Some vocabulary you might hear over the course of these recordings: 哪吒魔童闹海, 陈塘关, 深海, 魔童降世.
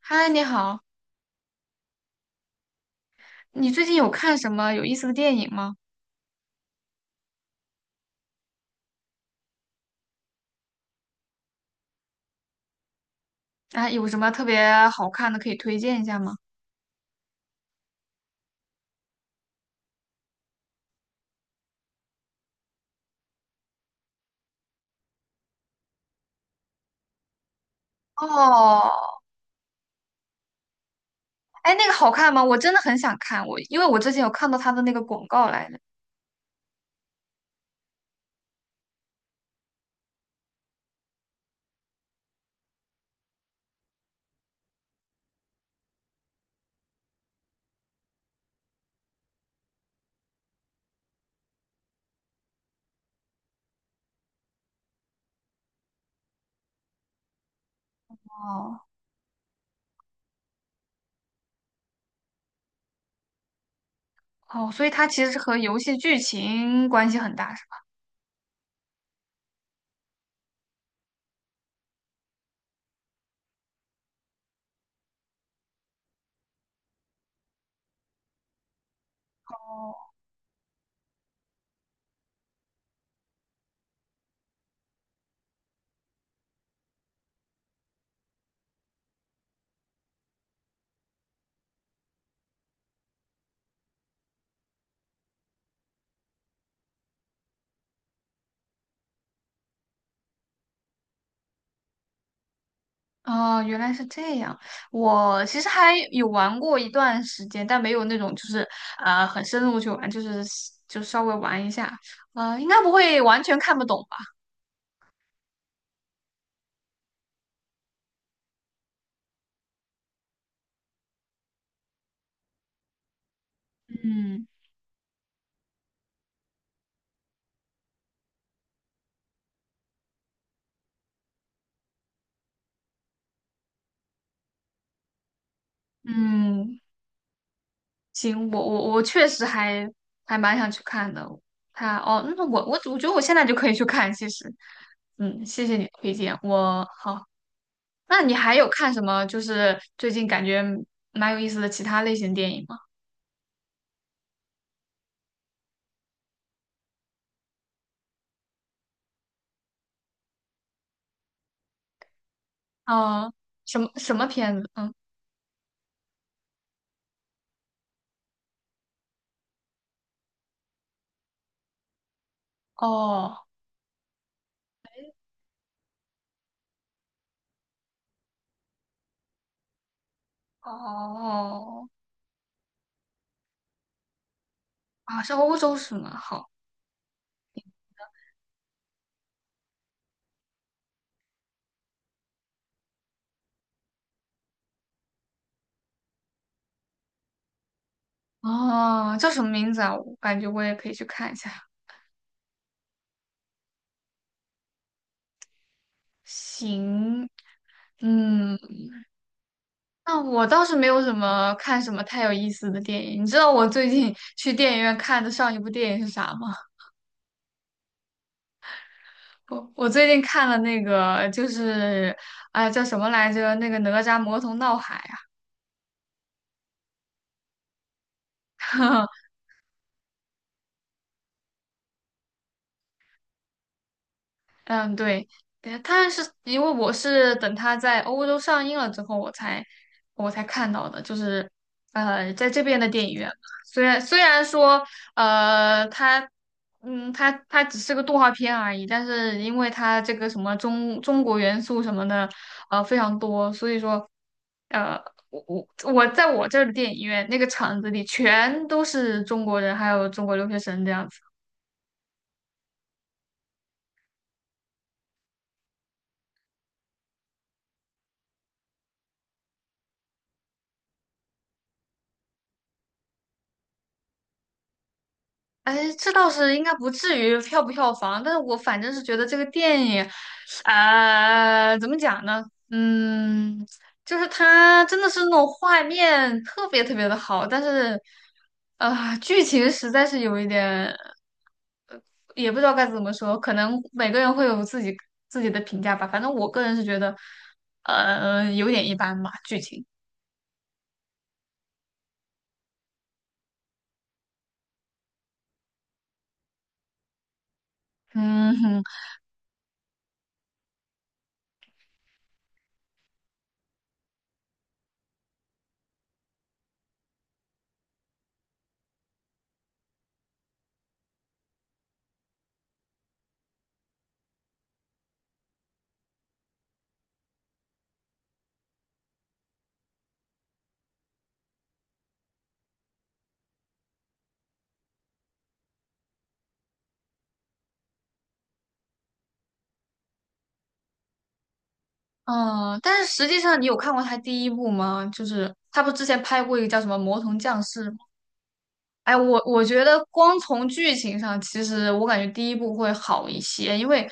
嗨，你好，你最近有看什么有意思的电影吗？啊，有什么特别好看的可以推荐一下吗？哦，哎，那个好看吗？我真的很想看，我因为我之前有看到他的那个广告来的。哦哦，所以它其实是和游戏剧情关系很大，是吧？哦，原来是这样。我其实还有玩过一段时间，但没有那种就是很深入去玩，就是稍微玩一下，应该不会完全看不懂吧？嗯嗯，行，我确实还蛮想去看的。哦，那我觉得我现在就可以去看，其实，谢谢你的推荐。我好，那你还有看什么？就是最近感觉蛮有意思的其他类型电影吗？啊、什么什么片子？嗯，哦哦啊，是欧洲是吗？好哦，叫什么名字啊？我感觉我也可以去看一下。行，嗯，那我倒是没有什么看什么太有意思的电影。你知道我最近 去电影院看的上一部电影是啥吗？我最近看了那个，就是哎叫什么来着？那个哪吒魔童闹海啊，嗯，对，对但是因为我是等它在欧洲上映了之后，我才看到的，就是在这边的电影院嘛。虽然说它它只是个动画片而已，但是因为它这个什么中国元素什么的，非常多，所以说呃，我在我这儿的电影院那个场子里全都是中国人，还有中国留学生这样。子。哎，这倒是应该不至于票不票房，但是我反正是觉得这个电影，怎么讲呢？嗯，就是它真的是那种画面特别特别的好，但是，啊、剧情实在是有一点，也不知道该怎么说，可能每个人会有自己的评价吧。反正我个人是觉得，有点一般吧，剧情。嗯哼。嗯，但是实际上，你有看过他第一部吗？就是他不之前拍过一个叫什么《魔童降世》哎，我觉得光从剧情上，其实我感觉第一部会好一些，因为，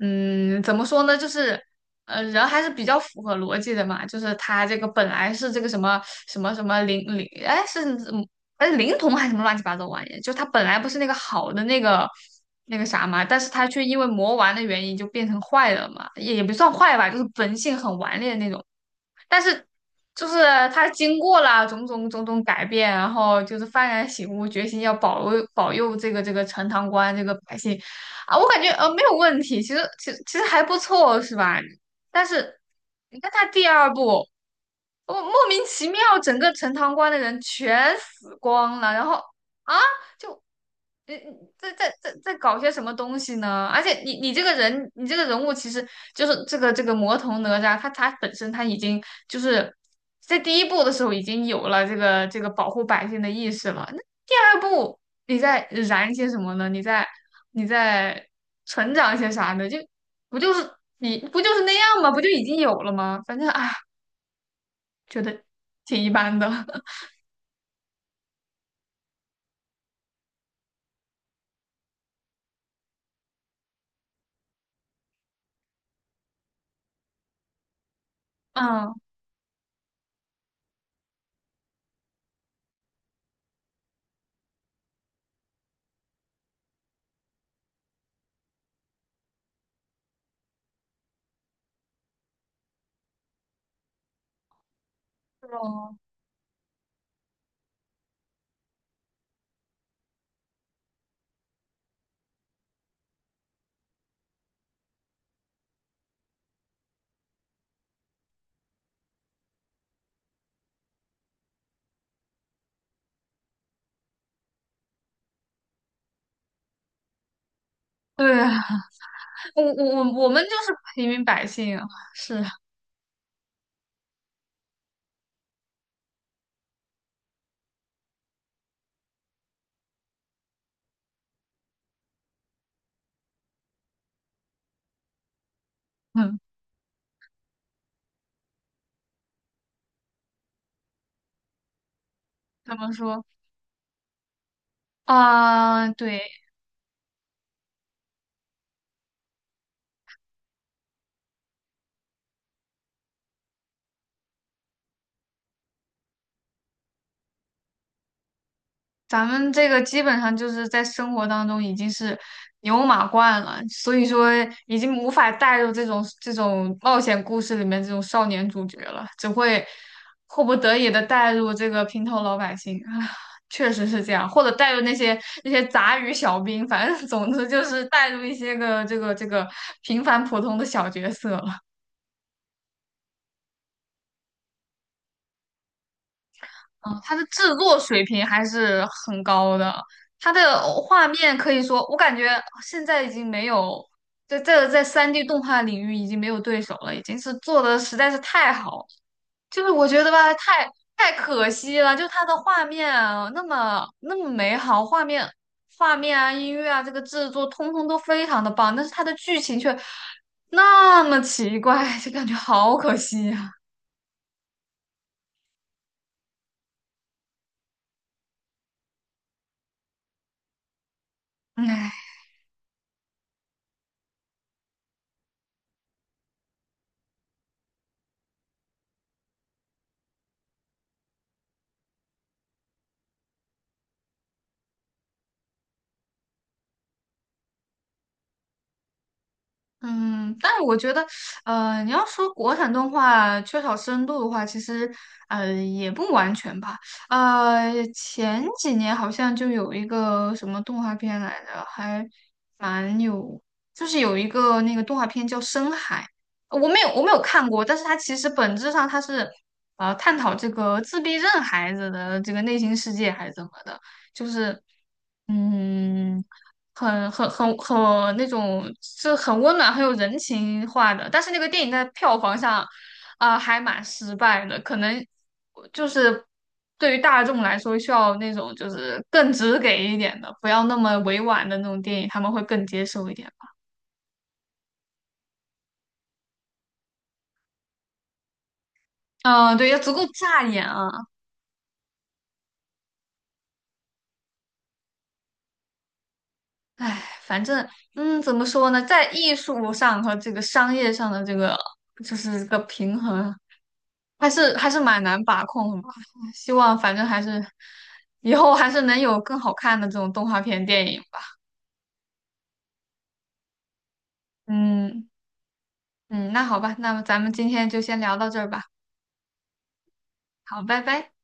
怎么说呢，就是，人还是比较符合逻辑的嘛，就是他这个本来是这个什么灵灵，哎，是嗯哎灵童还是什么乱七八糟玩意，就他本来不是那个好的那个啥嘛，但是他却因为魔丸的原因就变成坏了嘛，也不算坏吧，就是本性很顽劣的那种。但是就是他经过了种种改变，然后就是幡然醒悟，决心要保佑这个陈塘关这个百姓啊，我感觉没有问题，其实还不错，是吧？但是你看他第二部。我莫名其妙，整个陈塘关的人全死光了，然后啊，就你在搞些什么东西呢？而且你这个人，你这个人物其实就是这个魔童哪吒，他本身他已经就是在第一部的时候已经有了这个保护百姓的意识了。那第二部你在燃些什么呢？你在成长一些啥呢？就不就是你不就是那样吗？不就已经有了吗？反正啊，觉得挺一般的。嗯，是吧？对啊，我们就是平民百姓啊，是。嗯，怎么说啊？对，咱们这个基本上就是在生活当中已经是牛马惯了，所以说已经无法带入这种冒险故事里面这种少年主角了，只会迫不得已的带入这个平头老百姓啊，确实是这样，或者带入那些杂鱼小兵，反正总之就是带入一些个这个平凡普通的小角色。嗯，它的制作水平还是很高的，它的画面可以说，我感觉现在已经没有，在三 d 动画领域已经没有对手了，已经是做的实在是太好了就是我觉得吧，太可惜了，就它的画面啊，那么那么美好，画面啊，音乐啊，这个制作通通都非常的棒，但是它的剧情却那么奇怪，就感觉好可惜呀、啊，唉嗯，但是我觉得，你要说国产动画缺少深度的话，其实，也不完全吧。前几年好像就有一个什么动画片来着，还蛮有，就是有一个那个动画片叫《深海》，我没有看过，但是它其实本质上它是，探讨这个自闭症孩子的这个内心世界还是怎么的，就是，嗯。很那种，是很温暖、很有人情化的。但是那个电影在票房上，啊、还蛮失败的。可能就是对于大众来说，需要那种就是更直给一点的，不要那么委婉的那种电影，他们会更接受一点。嗯、对，要足够扎眼啊！唉，反正，怎么说呢，在艺术上和这个商业上的这个，就是这个平衡还是蛮难把控的吧。希望反正还是以后还是能有更好看的这种动画片电影吧。嗯嗯，那好吧，那么咱们今天就先聊到这儿吧。好，拜拜。